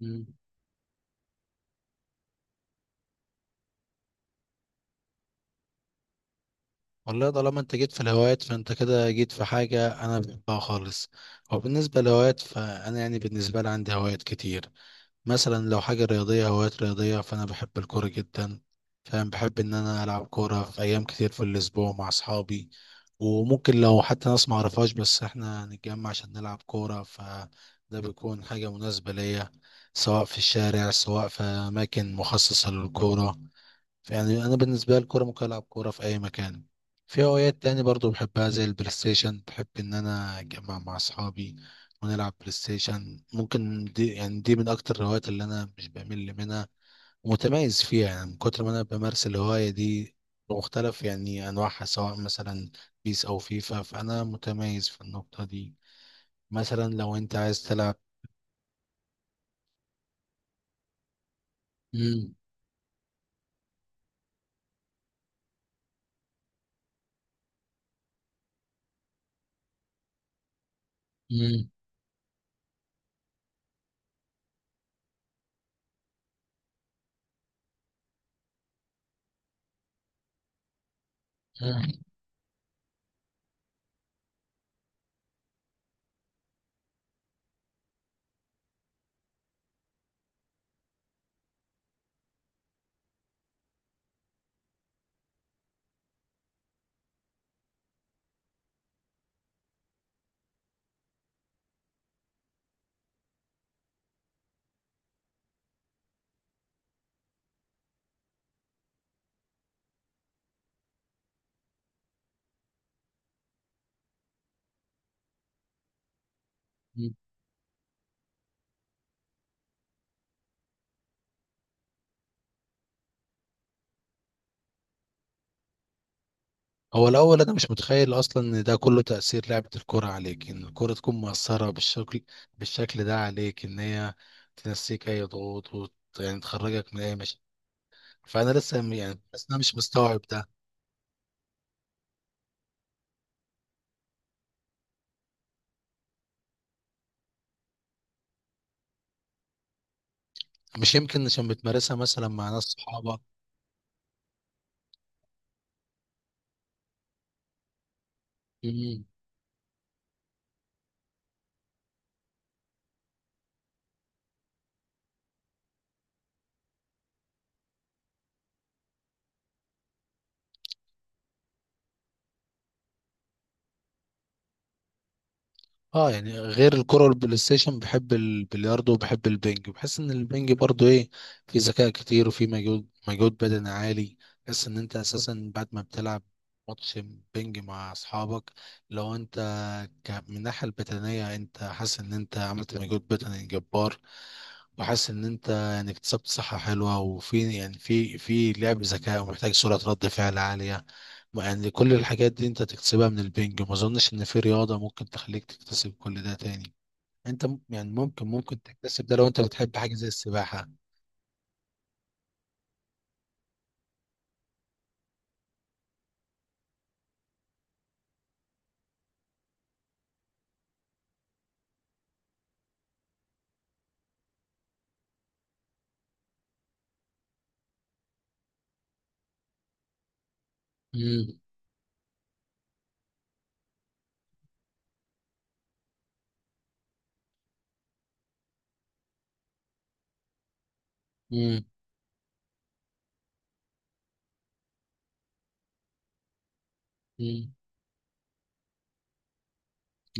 مم. والله طالما انت جيت في الهوايات فانت كده جيت في حاجة انا بحبها خالص. وبالنسبة للهوايات، فانا يعني بالنسبة لي عندي هوايات كتير. مثلا لو حاجة رياضية، هوايات رياضية، فانا بحب الكورة جدا. فانا بحب ان انا العب كورة في ايام كتير في الاسبوع مع اصحابي، وممكن لو حتى ناس معرفهاش، بس احنا نتجمع عشان نلعب كورة، فده بيكون حاجة مناسبة ليا، سواء في الشارع سواء في اماكن مخصصة للكورة. يعني انا بالنسبه لي الكوره ممكن العب كوره في اي مكان. في هوايات تاني برضو بحبها زي البلاي ستيشن، بحب ان انا اجمع مع اصحابي ونلعب بلاي ستيشن. ممكن دي، يعني دي من اكتر الهوايات اللي انا مش بمل منها ومتميز فيها، يعني من كتر ما انا بمارس الهوايه دي بمختلف يعني انواعها، سواء مثلا بيس او فيفا. فانا متميز في النقطه دي. مثلا لو انت عايز تلعب. مم. مم. مم. هو الأول أنا مش متخيل أصلا إن ده كله تأثير لعبة الكرة عليك، إن الكرة تكون مؤثرة بالشكل ده عليك، إن هي تنسيك أي ضغوط يعني تخرجك من أي مشاكل. فأنا لسه يعني بس أنا مش مستوعب ده. مش يمكن عشان بتمارسها مثلا مع ناس صحابك؟ اه، يعني غير الكرة والبلاي ستيشن بحب البلياردو وبحب البنج. بحس ان البنج برضو ايه، في ذكاء كتير وفي مجهود بدني عالي. بحس ان انت اساسا بعد ما بتلعب ماتش بنج مع اصحابك، لو انت من الناحية البدنية انت حاسس ان انت عملت مجهود بدني جبار، وحاسس ان انت يعني اكتسبت صحة حلوة، وفي يعني في لعب ذكاء، ومحتاج سرعة رد فعل عالية. يعني كل الحاجات دي انت تكتسبها من البنج. ما اظنش ان في رياضة ممكن تخليك تكتسب كل ده تاني. انت يعني ممكن تكتسب ده لو انت بتحب حاجة زي السباحة. امم. امم. امم.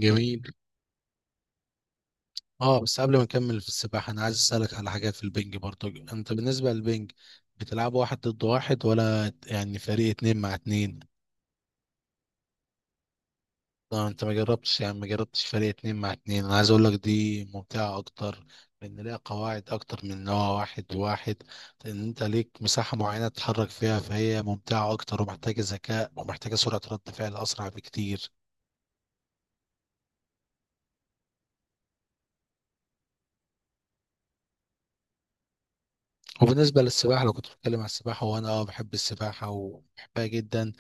جميل. اه، بس قبل ما اكمل في السباحة، انا عايز اسألك على حاجات في البنج برضو. انت بالنسبة للبنج بتلعب واحد ضد واحد، ولا يعني فريق اتنين مع اتنين؟ لا، انت ما جربتش، يعني ما جربتش فريق اتنين مع اتنين. انا عايز اقول لك دي ممتعة اكتر، لان ليها قواعد اكتر من ان هو واحد واحد. لان انت ليك مساحة معينة تتحرك فيها، فهي ممتعة اكتر ومحتاجة ذكاء ومحتاجة سرعة رد فعل اسرع بكتير. وبالنسبة للسباحة، لو كنت بتكلم عن السباحة، وانا بحب السباحة وبحبها جدا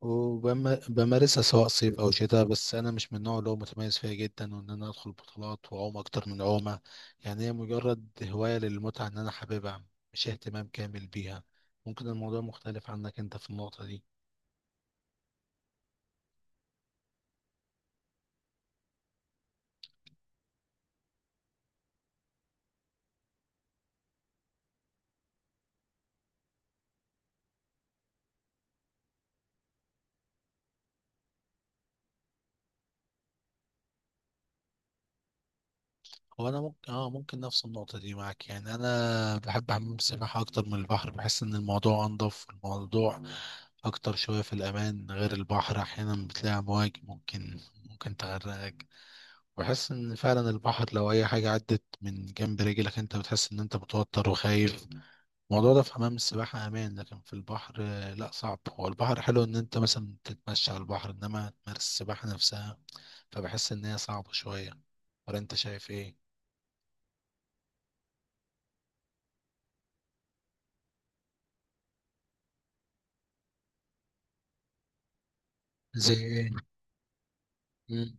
وبمارسها سواء صيف او شتاء. بس انا مش من النوع اللي هو متميز فيها جدا، وان انا ادخل بطولات واعوم اكتر من عومه. يعني هي مجرد هوايه للمتعه ان انا حاببها، مش اهتمام كامل بيها. ممكن الموضوع مختلف عنك انت في النقطه دي. هو انا ممكن ممكن نفس النقطه دي معاك. يعني انا بحب حمام السباحه اكتر من البحر. بحس ان الموضوع انضف، الموضوع اكتر شويه في الامان، غير البحر. احيانا بتلاقي امواج ممكن تغرقك. بحس ان فعلا البحر لو اي حاجه عدت من جنب رجلك، انت بتحس ان انت متوتر وخايف. الموضوع ده في حمام السباحه امان، لكن في البحر لا، صعب. هو البحر حلو ان انت مثلا تتمشى على البحر، انما تمارس السباحه نفسها، فبحس ان هي صعبه شويه. ولا انت شايف ايه؟ زي ايه؟ مم.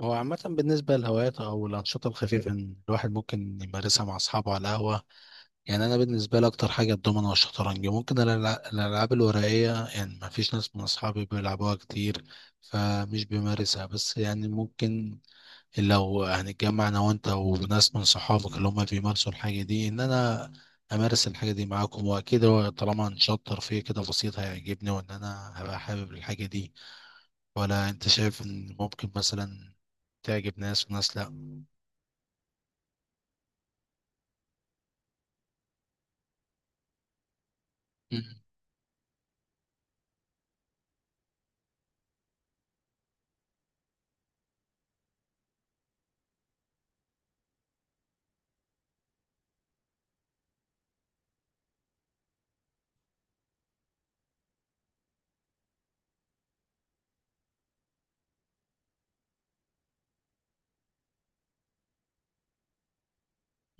هو عامه بالنسبه للهوايات او الانشطه الخفيفه، إن الواحد ممكن يمارسها مع اصحابه على القهوه، يعني انا بالنسبه لي اكتر حاجه الدومينو والشطرنج. ممكن الالعاب الورقيه، يعني ما فيش ناس من اصحابي بيلعبوها كتير، فمش بيمارسها. بس يعني ممكن لو هنتجمع انا وانت وناس من صحابك اللي هم بيمارسوا الحاجه دي، ان انا امارس الحاجه دي معاكم. واكيد هو طالما هنشطر فيه كده بسيط هيعجبني وان انا هبقى حابب الحاجه دي. ولا انت شايف ان ممكن مثلا تعجب ناس وناس، لا. مم.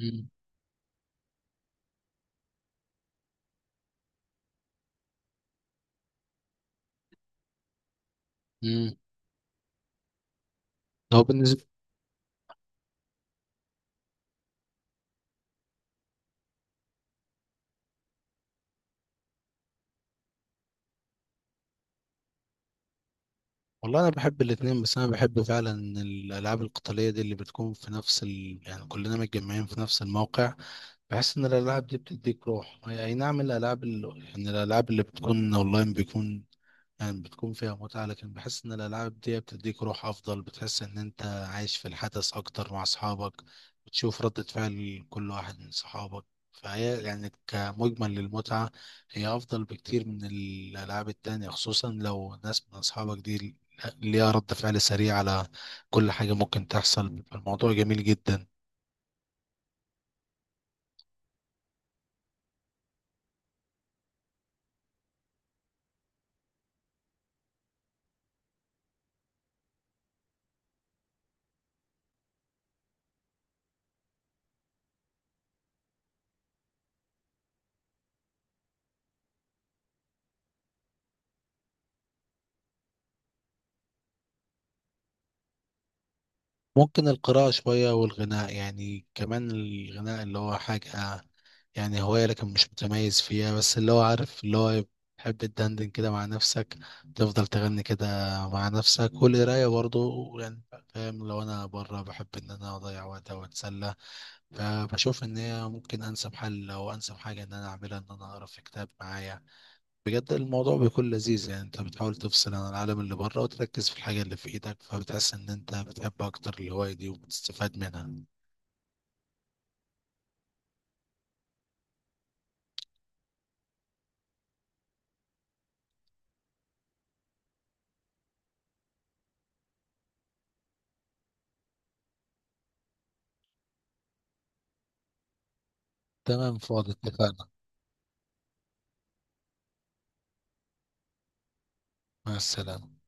مم. مم. هو بالنسبة. والله انا بحب الاتنين، بس انا بحب فعلا الالعاب القتاليه دي اللي بتكون في نفس يعني كلنا متجمعين في نفس الموقع. بحس ان الالعاب دي بتديك روح، هي اي نعم الالعاب يعني الالعاب اللي بتكون اونلاين بيكون يعني بتكون فيها متعة، لكن بحس إن الألعاب دي بتديك روح أفضل. بتحس إن أنت عايش في الحدث أكتر مع أصحابك، بتشوف ردة فعل كل واحد من صحابك. فهي يعني كمجمل للمتعة هي أفضل بكتير من الألعاب التانية، خصوصا لو ناس من أصحابك دي ليها رد فعل سريع على كل حاجة ممكن تحصل، بيبقى الموضوع جميل جدا. ممكن القراءة شوية والغناء. يعني كمان الغناء اللي هو حاجة يعني هواية، لكن مش متميز فيها، بس اللي هو عارف اللي هو تحب تدندن كده مع نفسك، تفضل تغني كده مع نفسك. والقراية برضو، يعني فاهم، لو أنا بره بحب إن أنا أضيع وقت أو أتسلى، فبشوف إن هي ممكن أنسب حل أو أنسب حاجة إن أنا أعملها، إن أنا أقرأ في كتاب معايا. بجد الموضوع بيكون لذيذ، يعني انت بتحاول تفصل عن العالم اللي بره وتركز في الحاجة اللي في ايدك، فبتحس ان انت بتحب اكتر الهواية دي وبتستفاد منها. تمام، فاضي، اتفقنا. مع السلامة.